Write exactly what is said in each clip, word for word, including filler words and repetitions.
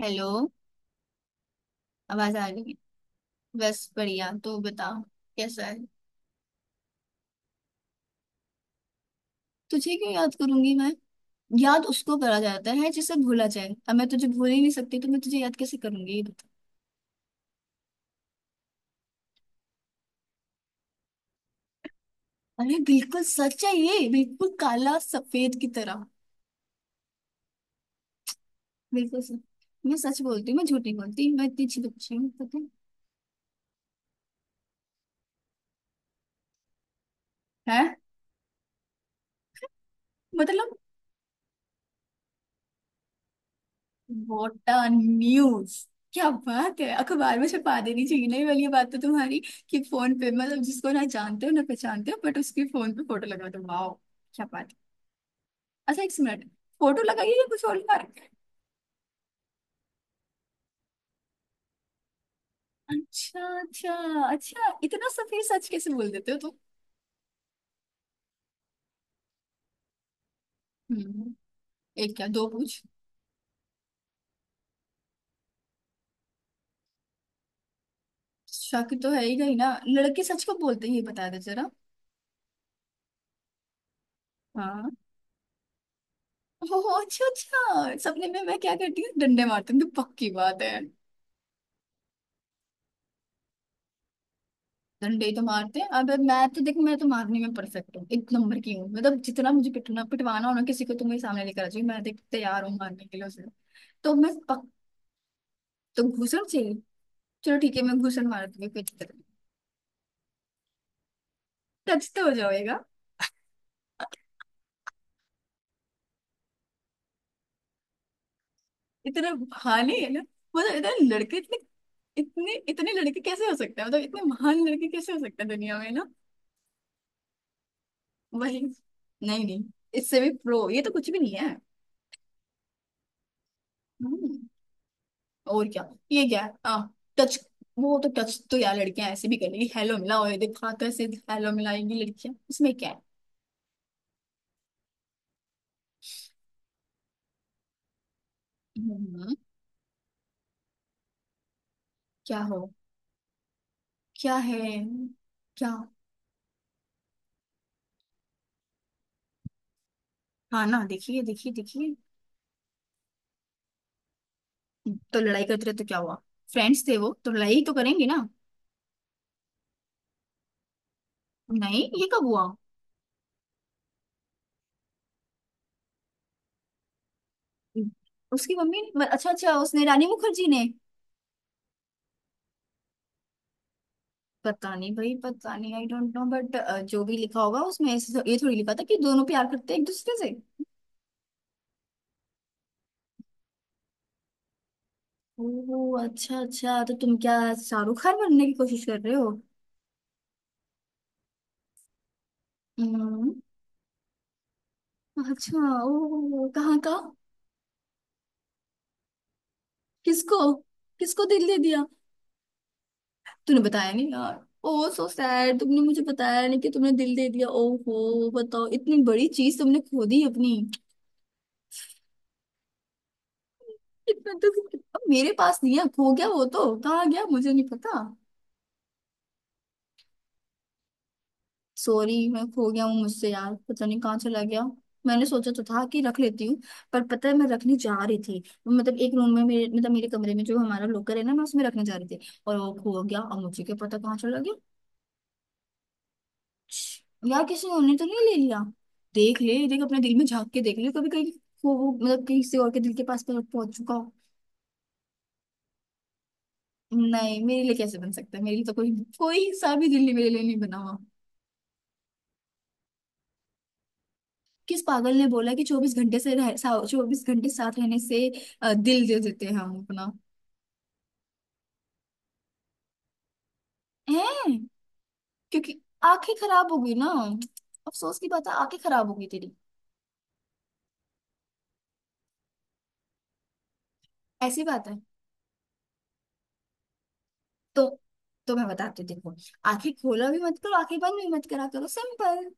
Hello. आवाज आ रही है। बस बढ़िया, तू बता, कैसा है। तुझे क्यों याद करूंगी मैं? याद उसको करा जाता है जिसे भूला जाए। अब मैं तुझे भूल ही नहीं सकती, तो मैं तुझे याद कैसे करूंगी ये बता। अरे बिल्कुल सच है ये, बिल्कुल काला सफेद की तरह। बिल्कुल सच। मैं सच बोलती हूँ, मैं झूठ नहीं बोलती, मैं इतनी अच्छी बच्ची हूँ, पता है? हैं? मतलब? वोटा न्यूज। क्या बात है, अखबार में छपा देनी चाहिए। नहीं वाली ये बात तो तुम्हारी, कि फोन पे मतलब जिसको ना जानते हो ना पहचानते हो, बट उसके फोन पे फोटो लगा दो। वाओ, क्या बात है। अच्छा एक मिनट, फोटो लगाइए या कुछ और लगा रखा है? अच्छा अच्छा। अच्छा इतना सफेद सच कैसे बोल देते हो तुम? हम्म। एक क्या, दो पूछ। शक तो है ही नहीं ना, लड़के सच को बोलते ही, बता दे जरा। हाँ। ओह अच्छा अच्छा, सपने में मैं क्या करती हूँ, डंडे मारती हूँ, तो पक्की बात है। डंडे तो मारते हैं, अब मैं तो, देख, मैं तो मारने में परफेक्ट हूँ, एक नंबर की हूँ। मतलब जितना मुझे पिटना पिटवाना हो ना किसी को, तो मेरे सामने लेकर आ जाओ। मैं, देख, तैयार हूँ मारने के लिए उसे। तो मैं पक तो घूसन चाहिए। चलो ठीक है, मैं घूसन मार दूंगी, कोई दिक्कत नहीं, टच तो हो जाएगा। इतना बहाने है ना। मतलब इतने लड़के, इतने इतने इतने लड़के कैसे हो सकते हैं, मतलब इतने महान लड़के कैसे हो सकते हैं दुनिया में ना। वही, नहीं नहीं, इससे भी प्रो, ये तो कुछ भी नहीं है। हम्म। और क्या। ये क्या है, हाँ टच? वो तो टच तो यार लड़कियां ऐसे भी कर लेगी, हेलो मिला और देखा कैसे। हेलो मिलाएंगी लड़कियां, इसमें क्या है। हम्म, क्या हो? क्या है? क्या? हाँ ना, देखिए देखिए देखिए। तो लड़ाई करते रहे तो क्या हुआ, फ्रेंड्स थे वो तो, लड़ाई तो करेंगे ना। नहीं ये कब हुआ? उसकी मम्मी ने- अच्छा अच्छा, उसने, रानी मुखर्जी ने। पता नहीं भाई, पता नहीं, आई डोंट नो, बट जो भी लिखा होगा उसमें ऐसे- ये थोड़ी लिखा था कि दोनों प्यार करते हैं एक दूसरे से। ओह अच्छा अच्छा, तो तुम क्या शाहरुख खान बनने की कोशिश कर रहे हो? हम्म। अच्छा ओह, कहाँ का? किसको, किसको दिल दे दिया? तूने बताया नहीं यार। ओह सो सैड, तुमने मुझे बताया नहीं कि तुमने दिल दे दिया। ओहो, बताओ, इतनी बड़ी चीज तुमने खो दी अपनी। इतना तो, अब मेरे पास नहीं है, खो गया वो, तो कहाँ गया मुझे नहीं पता। सॉरी, मैं खो गया हूँ मुझसे, यार पता नहीं कहाँ चला गया। मैंने सोचा तो था कि रख लेती हूँ, पर पता है मैं रखने जा रही थी। मतलब एक रूम में मेरे, मतलब मेरे कमरे में जो हमारा लॉकर है ना, मैं उसमें रखने जा रही थी, और वो खो गया, और मुझे क्या पता कहाँ चला गया। छी, यार किसी और ने तो नहीं ले लिया? देख ले, देख, अपने दिल में झांक के देख ले, कभी कहीं खो वो, मतलब किसी और के दिल के पास पहुंच पहुंच चुका हो। नहीं मेरे लिए कैसे बन सकता है, मेरे लिए तो कोई, कोई सा भी दिल नहीं, मेरे लिए नहीं बना हुआ। किस पागल ने बोला कि चौबीस घंटे से रह, चौबीस घंटे साथ रहने से अ, दिल दे देते हैं हम अपना। हैं? क्योंकि आंखें खराब होगी ना। अफसोस की बात है, आंखें खराब होगी तेरी। ऐसी बात है। तो तो मैं बताती हूँ, देखो, आंखें खोला भी मत करो, आंखें बंद भी मत करा करो, सिंपल,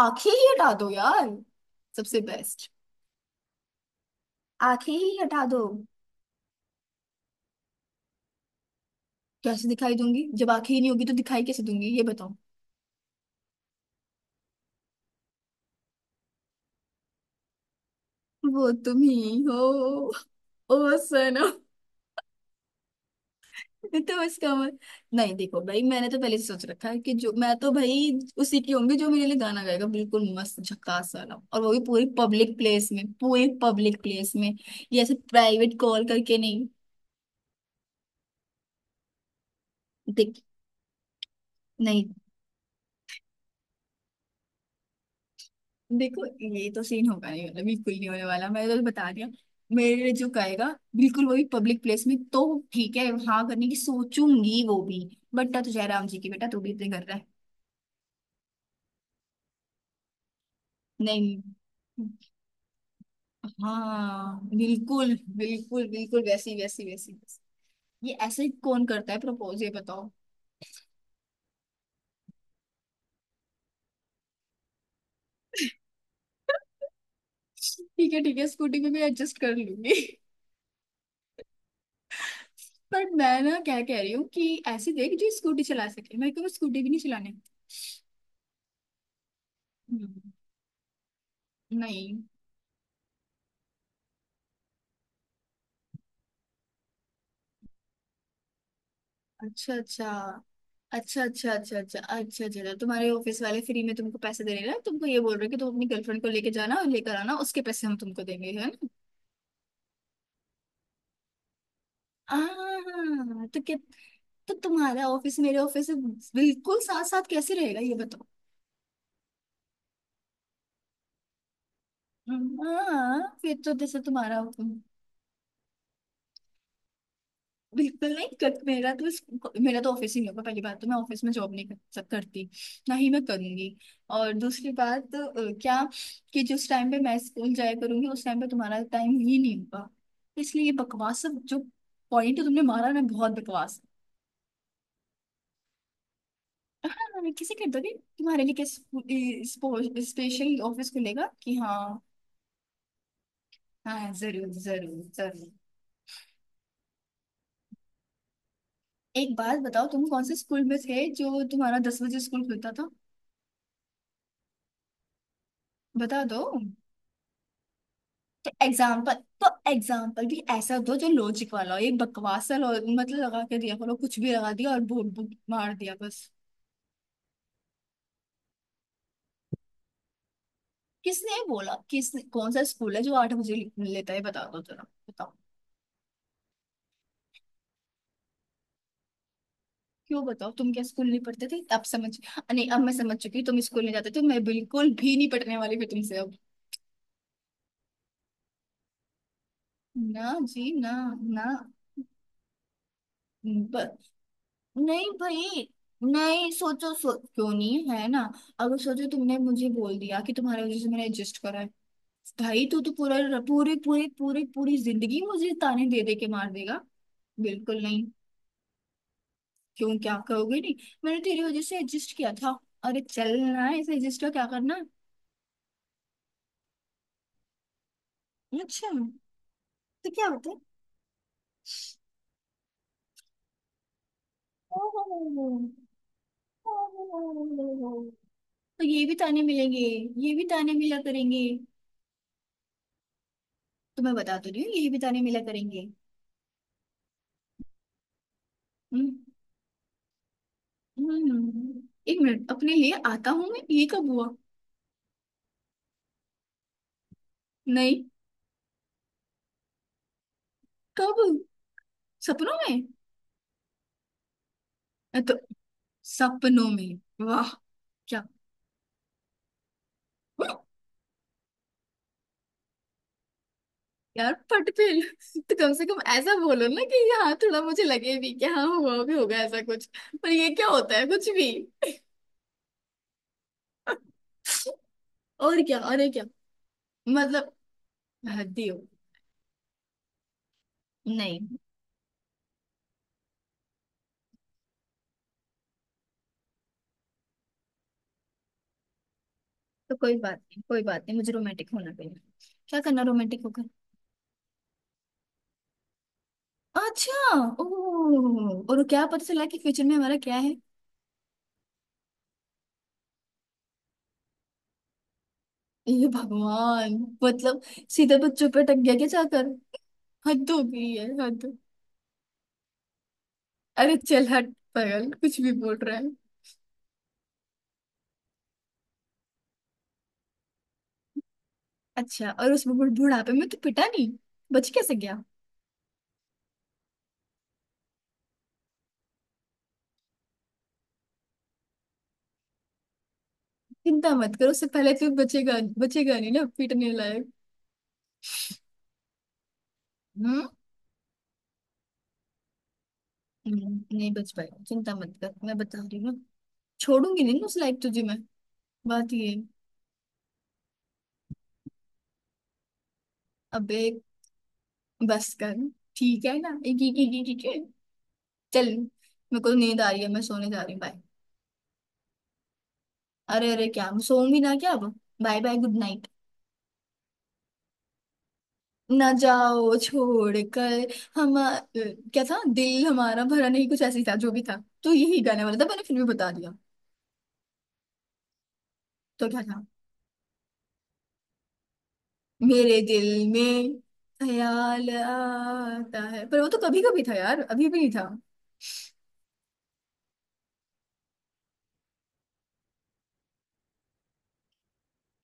आंखें ही हटा दो यार, सबसे बेस्ट। आंखें ही हटा दो। कैसे दिखाई दूंगी, जब आंखें ही नहीं होगी तो दिखाई कैसे दूंगी ये बताओ। वो तुम ही हो, ओ सनम। तो इसका वो- नहीं देखो भाई, मैंने तो पहले से सोच रखा है कि जो मैं तो भाई उसी की होंगी जो मेरे लिए गाना गाएगा, बिल्कुल मस्त झकास वाला, और वो भी पूरी पब्लिक प्लेस में, पूरी पब्लिक प्लेस में। ये ऐसे प्राइवेट कॉल करके नहीं। देख, नहीं देखो, ये तो सीन होगा नहीं, मतलब बिल्कुल नहीं होने वाला, मैंने तो बता दिया। मेरे लिए जो गाएगा, बिल्कुल, वो भी पब्लिक प्लेस में, तो ठीक है हाँ करने की सोचूंगी वो भी। बट तुझे राम जी की, बेटा तू भी इतने कर रहा है। नहीं। हाँ बिल्कुल बिल्कुल बिल्कुल, वैसी वैसी वैसी वैसी। ये ऐसे ही कौन करता है प्रपोज ये बताओ। ठीक है ठीक है, स्कूटी में भी एडजस्ट कर लूंगी। पर मैं ना क्या कह रही हूँ कि ऐसे देख, जो स्कूटी चला सके, मेरे को स्कूटी भी नहीं चलाने। हम्म, नहीं। अच्छा अच्छा, अच्छा अच्छा, अच्छा, अच्छा अच्छा, अच्छा अच्छा। तुम्हारे ऑफिस वाले फ्री में तुमको पैसे दे रहे हैं ना? तुमको ये बोल रहे हैं कि तुम अपनी गर्लफ्रेंड को लेके जाना और लेकर आना, उसके पैसे हम तुमको देंगे, है ना? आह, तो क्या? तो तुम्हारा ऑफिस मेरे ऑफिस से बिल्कुल साथ साथ कैसे रहेगा ये बताओ। हम्म, हाँ फिर तो जैसे तुम्हारा, बिल्कुल नहीं कर, मेरा तो इस-, मेरा तो ऑफिस ही नहीं होगा। पहली बात तो मैं ऑफिस में जॉब नहीं कर, सक- करती, ना ही मैं करूंगी। और दूसरी बात अ, क्या, कि जिस टाइम पे मैं स्कूल जाया करूंगी उस टाइम पे तुम्हारा टाइम ही नहीं होगा। इसलिए ये बकवास सब जो पॉइंट तुमने मारा ना, बहुत बकवास है। मैंने किसी के दोगे, तुम्हारे लिए क्या स्पेशल ऑफिस खुलेगा कि हाँ? हाँ जरूर जरूर जरूर। एक बात बताओ, तुम कौन से स्कूल में थे जो तुम्हारा दस बजे स्कूल खुलता था? बता दो। तो एग्जाम्पल, तो एग्जाम्पल भी ऐसा दो जो लॉजिक वाला हो। ये बकवास सा lo- मतलब लगा के दिया करो, कुछ भी लगा दिया और बोल बोल- मार दिया बस। किसने बोला? किस, कौन सा स्कूल है जो आठ बजे ले- लेता है बता दो जरा। बताओ। क्यों बताओ? तुम क्या स्कूल नहीं पढ़ते थे? अब समझ, नहीं अब मैं समझ चुकी हूँ तुम स्कूल नहीं जाते थे। मैं बिल्कुल भी नहीं पढ़ने वाली फिर तुमसे अब। ना जी ना। ना। नहीं भाई। नहीं सोचो, सो क्यों नहीं है ना। अगर सोचो, तुमने मुझे बोल दिया कि तुम्हारी वजह से मैंने एडजस्ट करा है, भाई तू तो तू पूरा, पूरी पूरी पूरी पूरी जिंदगी मुझे ताने दे दे के मार देगा। बिल्कुल नहीं। क्यों क्या कहोगे? नहीं, मैंने तेरी वजह से एडजस्ट किया था, अरे चलना है इसे, एडजस्ट का क्या करना है? अच्छा, तो क्या होता है? ओहो। ओहो। तो ये भी ताने मिलेंगे। ये भी ताने मिला करेंगे। तुम्हें बता तो रही हूँ, ये भी ताने मिला करेंगे। हम्म। हम्म, एक मिनट, अपने लिए आता हूँ मैं, ये कब हुआ? नहीं। कब? सपनों में? अ, तो सपनों में। वाह। क्या? यार पटपेल, तो कम से कम ऐसा बोलो ना कि हाँ थोड़ा मुझे लगे भी कि हाँ हुआ भी होगा ऐसा कुछ। पर ये क्या होता है कुछ भी। और क्या अरे क्या? मतलब, हद ही हो। नहीं, तो कोई बात नहीं, कोई बात नहीं, मुझे रोमांटिक होना पड़ेगा? क्या करना रोमांटिक होकर? अच्छा ओह, और क्या पता चला कि फ्यूचर में हमारा क्या है? हे भगवान, मतलब सीधे बच्चों पे टक गया क्या जाकर, हद हो गई है हद। अरे चल हट पागल, कुछ भी बोल रहा है। अच्छा, और उस बुढ़- बुढ़ापे में तू पिटा नहीं, बच कैसे गया? चिंता मत करो, उससे पहले तू बचेगा, बचेगा नहीं ना पीटने लायक। हम्म। हम्म, नहीं बच पाएगा, चिंता मत कर, मैं बता रही हूँ ना। छोड़ूंगी नहीं ना उस लायक तुझे मैं, बात ये है। अबे बस कर, ठीक है ना, एक एक एक एक एक- एक। चल मेरे को नींद आ रही है, मैं सोने जा रही हूँ, बाय। अरे अरे क्या, हम सोऊंगी ना क्या अब, बाय बाय, गुड नाइट। ना जाओ छोड़ कर हम, अ, क्या था, दिल हमारा भरा नहीं, कुछ ऐसे ही था जो भी था। तो यही गाने वाला था, मैंने फिर भी बता दिया। तो क्या था? मेरे दिल में ख्याल आता है, पर वो तो कभी कभी था यार, अभी भी नहीं था।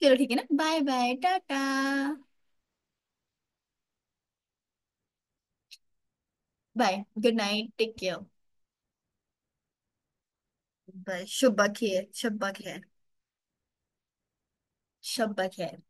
चलो ठीक है ना, bye bye tata. Bye. Good night, take care. Bye, शुभ खैर, शुभ खैर, शुभ खैर।